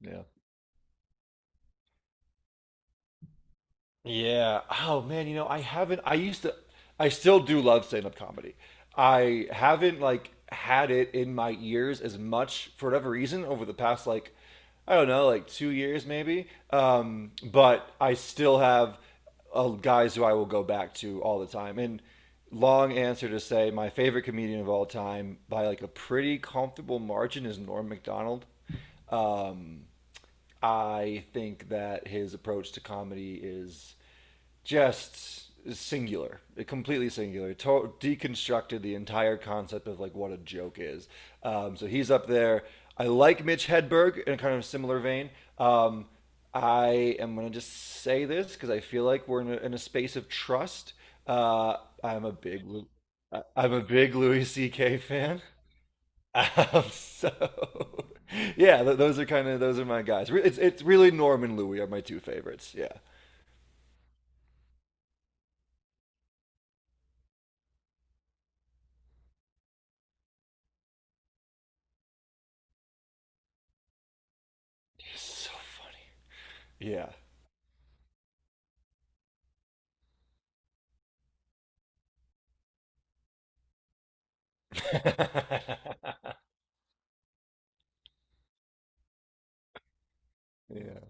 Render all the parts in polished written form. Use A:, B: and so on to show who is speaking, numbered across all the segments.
A: Yeah. Yeah. Oh man, you know, I haven't I used to I still do love stand-up comedy. I haven't like had it in my ears as much for whatever reason over the past like, I don't know, like 2 years maybe. But I still have guys who I will go back to all the time. And long answer to say my favorite comedian of all time by like a pretty comfortable margin is Norm Macdonald. Um I think that his approach to comedy is just singular, completely singular. Deconstructed the entire concept of like what a joke is. So he's up there. I like Mitch Hedberg in a kind of similar vein. Um, I am gonna just say this because I feel like we're in a space of trust. Uh, I'm a big Louis C.K. fan. Um, so, yeah, those are my guys. It's really Norm and Louie are my two favorites. Yeah, it's so funny. Yeah, yeah,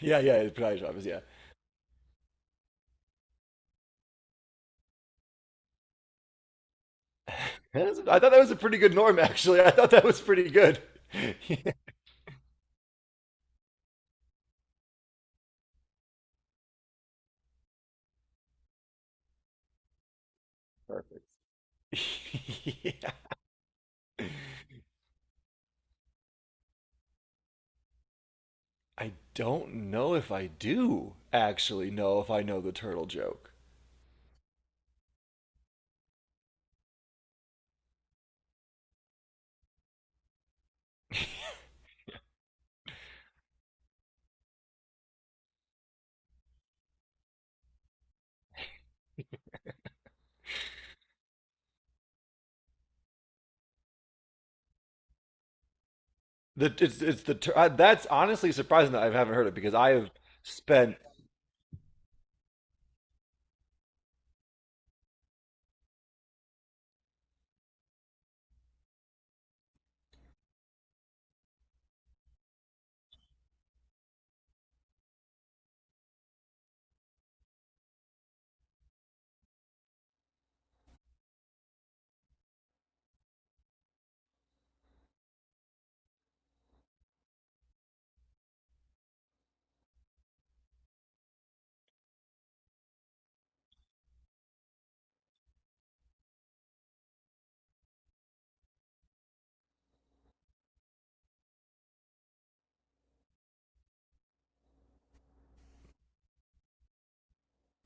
A: yeah, yeah. It's Pride Drivers. Yeah, I thought that was a pretty good Norm actually. I thought that was pretty good. Yeah. Perfect. Yeah. I don't know if I do actually know if I know the turtle joke. The it's the tur- That's honestly surprising that I haven't heard it because I have spent.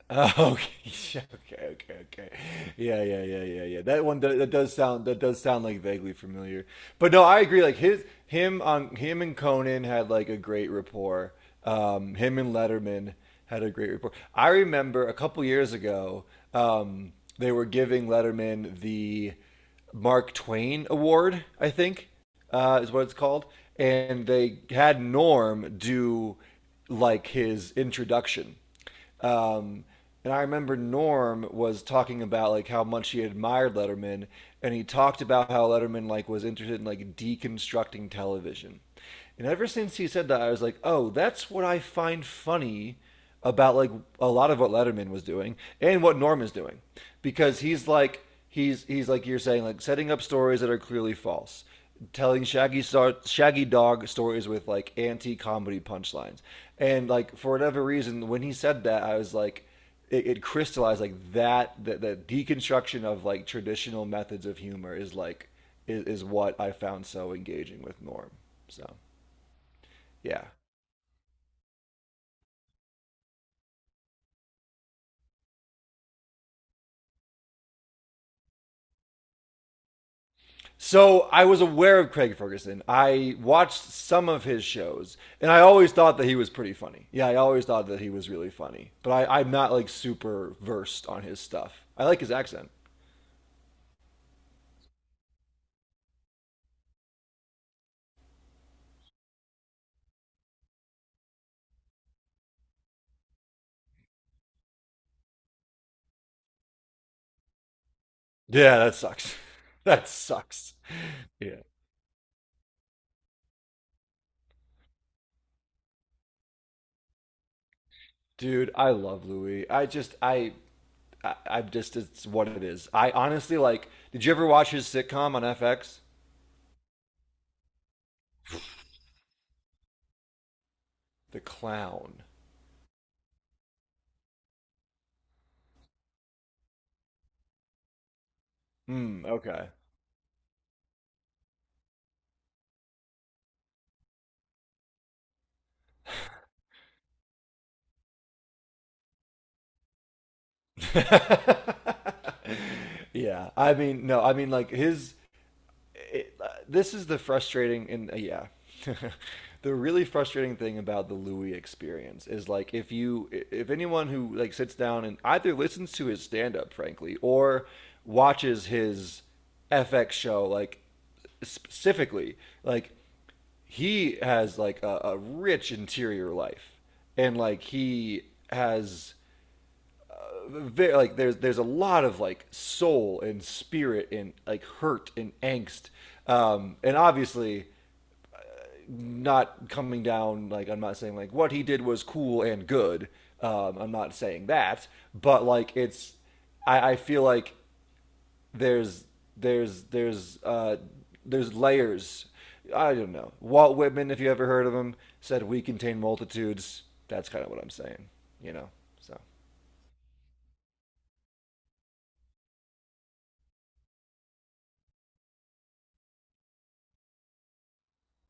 A: Oh, okay, okay, okay, okay. Yeah, yeah, yeah, yeah, yeah. That does sound, that does sound like vaguely familiar. But no, I agree. Like his him on Him and Conan had like a great rapport. Him and Letterman had a great rapport. I remember a couple years ago, um, they were giving Letterman the Mark Twain Award, I think is what it's called, and they had Norm do like his introduction. Um, and I remember Norm was talking about like how much he admired Letterman, and he talked about how Letterman like was interested in like deconstructing television. And ever since he said that, I was like, oh, that's what I find funny about like a lot of what Letterman was doing and what Norm is doing, because he's like you're saying, like setting up stories that are clearly false, telling Shaggy Dog stories with like anti comedy punchlines. And like for whatever reason, when he said that, I was like, it crystallized, like that the deconstruction of like traditional methods of humor is is what I found so engaging with Norm. So yeah. So I was aware of Craig Ferguson. I watched some of his shows, and I always thought that he was pretty funny. Yeah, I always thought that he was really funny. But I'm not like super versed on his stuff. I like his accent. Yeah, that sucks. That sucks. Yeah. Dude, I love Louis. I just it's what it is. I honestly like did you ever watch his sitcom on FX? The Clown. Hmm, okay. yeah. I mean, no, I mean like this is the frustrating and the really frustrating thing about the Louis experience is like if you if anyone who like sits down and either listens to his stand-up frankly or watches his FX show like specifically, like he has like a rich interior life, and like he has very, like there's a lot of like soul and spirit and like hurt and angst, and obviously not coming down, like I'm not saying like what he did was cool and good. I'm not saying that, but like it's I feel like there's there's there's uh there's layers. I don't know, Walt Whitman, if you ever heard of him, said we contain multitudes. That's kind of what I'm saying, you know. So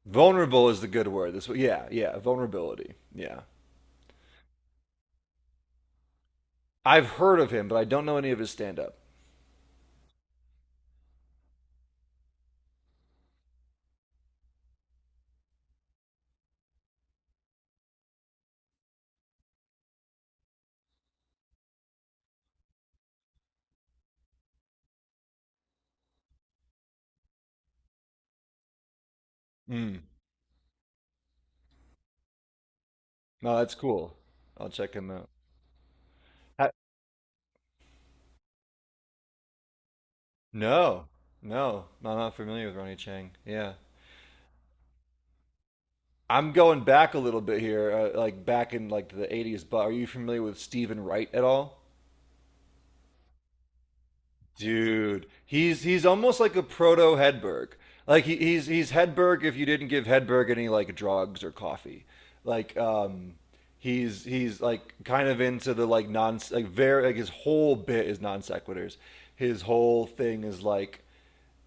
A: vulnerable is the good word. This, yeah, yeah, vulnerability. Yeah, I've heard of him, but I don't know any of his stand-up. Mm. No, that's cool. I'll check him out. Ha- no, no, no, I'm not familiar with Ronnie Chang. Yeah, I'm going back a little bit here, like back in like the '80s. But are you familiar with Stephen Wright at all? Dude, he's almost like a proto Hedberg. Like he's Hedberg if you didn't give Hedberg any like drugs or coffee. Like he's like kind of into the like non, like very like his whole bit is non sequiturs. His whole thing is like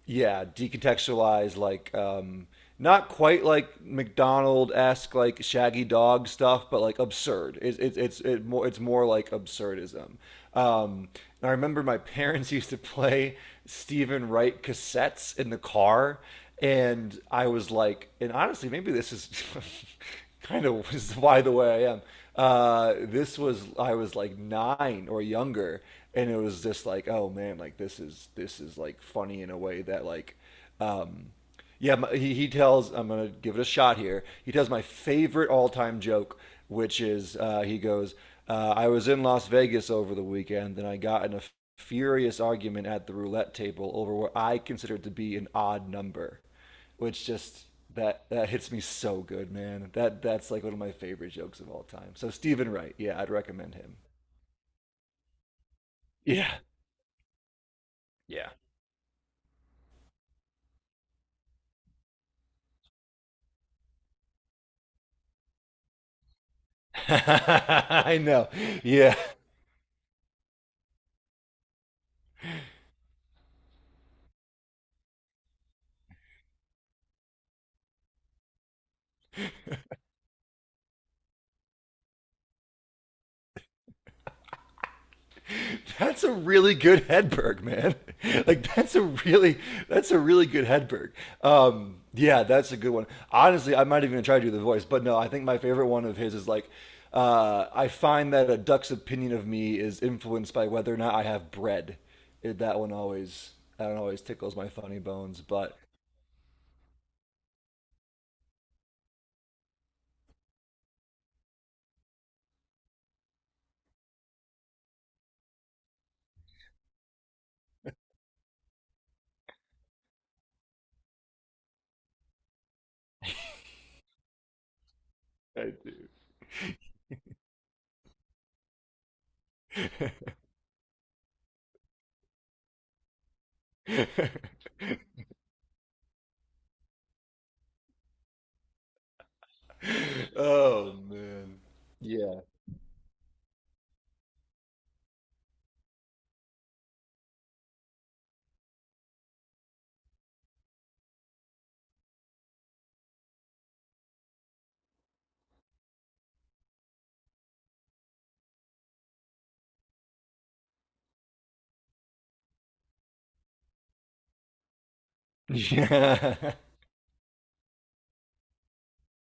A: yeah, decontextualized, like not quite like McDonald esque, like Shaggy Dog stuff, but like absurd. It's more like absurdism. Um, and I remember my parents used to play Stephen Wright cassettes in the car, and I was like, and honestly, maybe this is kind of is why the way I am. This was, I was like nine or younger, and it was just like oh man, like this is like funny in a way that like um yeah. He tells, I'm gonna give it a shot here, he tells my favorite all-time joke, which is, he goes, I was in Las Vegas over the weekend and I got in a furious argument at the roulette table over what I considered to be an odd number, which just, that hits me so good man. That's like one of my favorite jokes of all time. So Stephen Wright, yeah, I'd recommend him. Yeah. Yeah. I know. Yeah. That's a really good Hedberg, man. Like that's a really good Hedberg. Yeah, that's a good one. Honestly, I might even try to do the voice, but no, I think my favorite one of his is like, I find that a duck's opinion of me is influenced by whether or not I have bread. It, that one always That one always tickles my funny bones, but I do. oh man. Yeah. Yeah.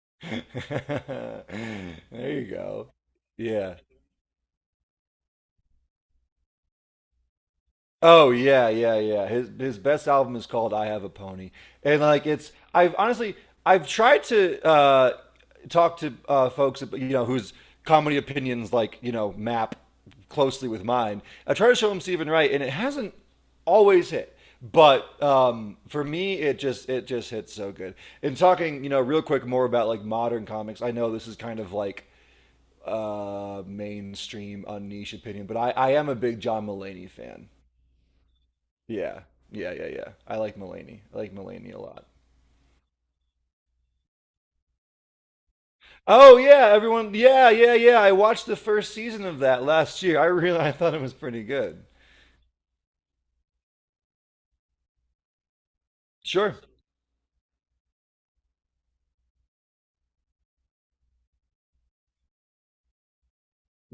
A: there you go. Yeah. Oh yeah, yeah, yeah. His best album is called "I Have a Pony," and like it's, I've honestly I've tried to talk to folks you know whose comedy opinions like you know map closely with mine. I try to show them Stephen Wright, and it hasn't always hit. But for me, it just hits so good. And talking, you know, real quick more about like modern comics. I know this is kind of like mainstream, unniche opinion, but I am a big John Mulaney fan. Yeah, yeah, yeah, yeah. I like Mulaney. I like Mulaney a lot. Oh yeah, everyone. Yeah, yeah, yeah. I watched the first season of that last year. I thought it was pretty good. Sure.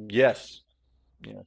A: Yes. Yeah.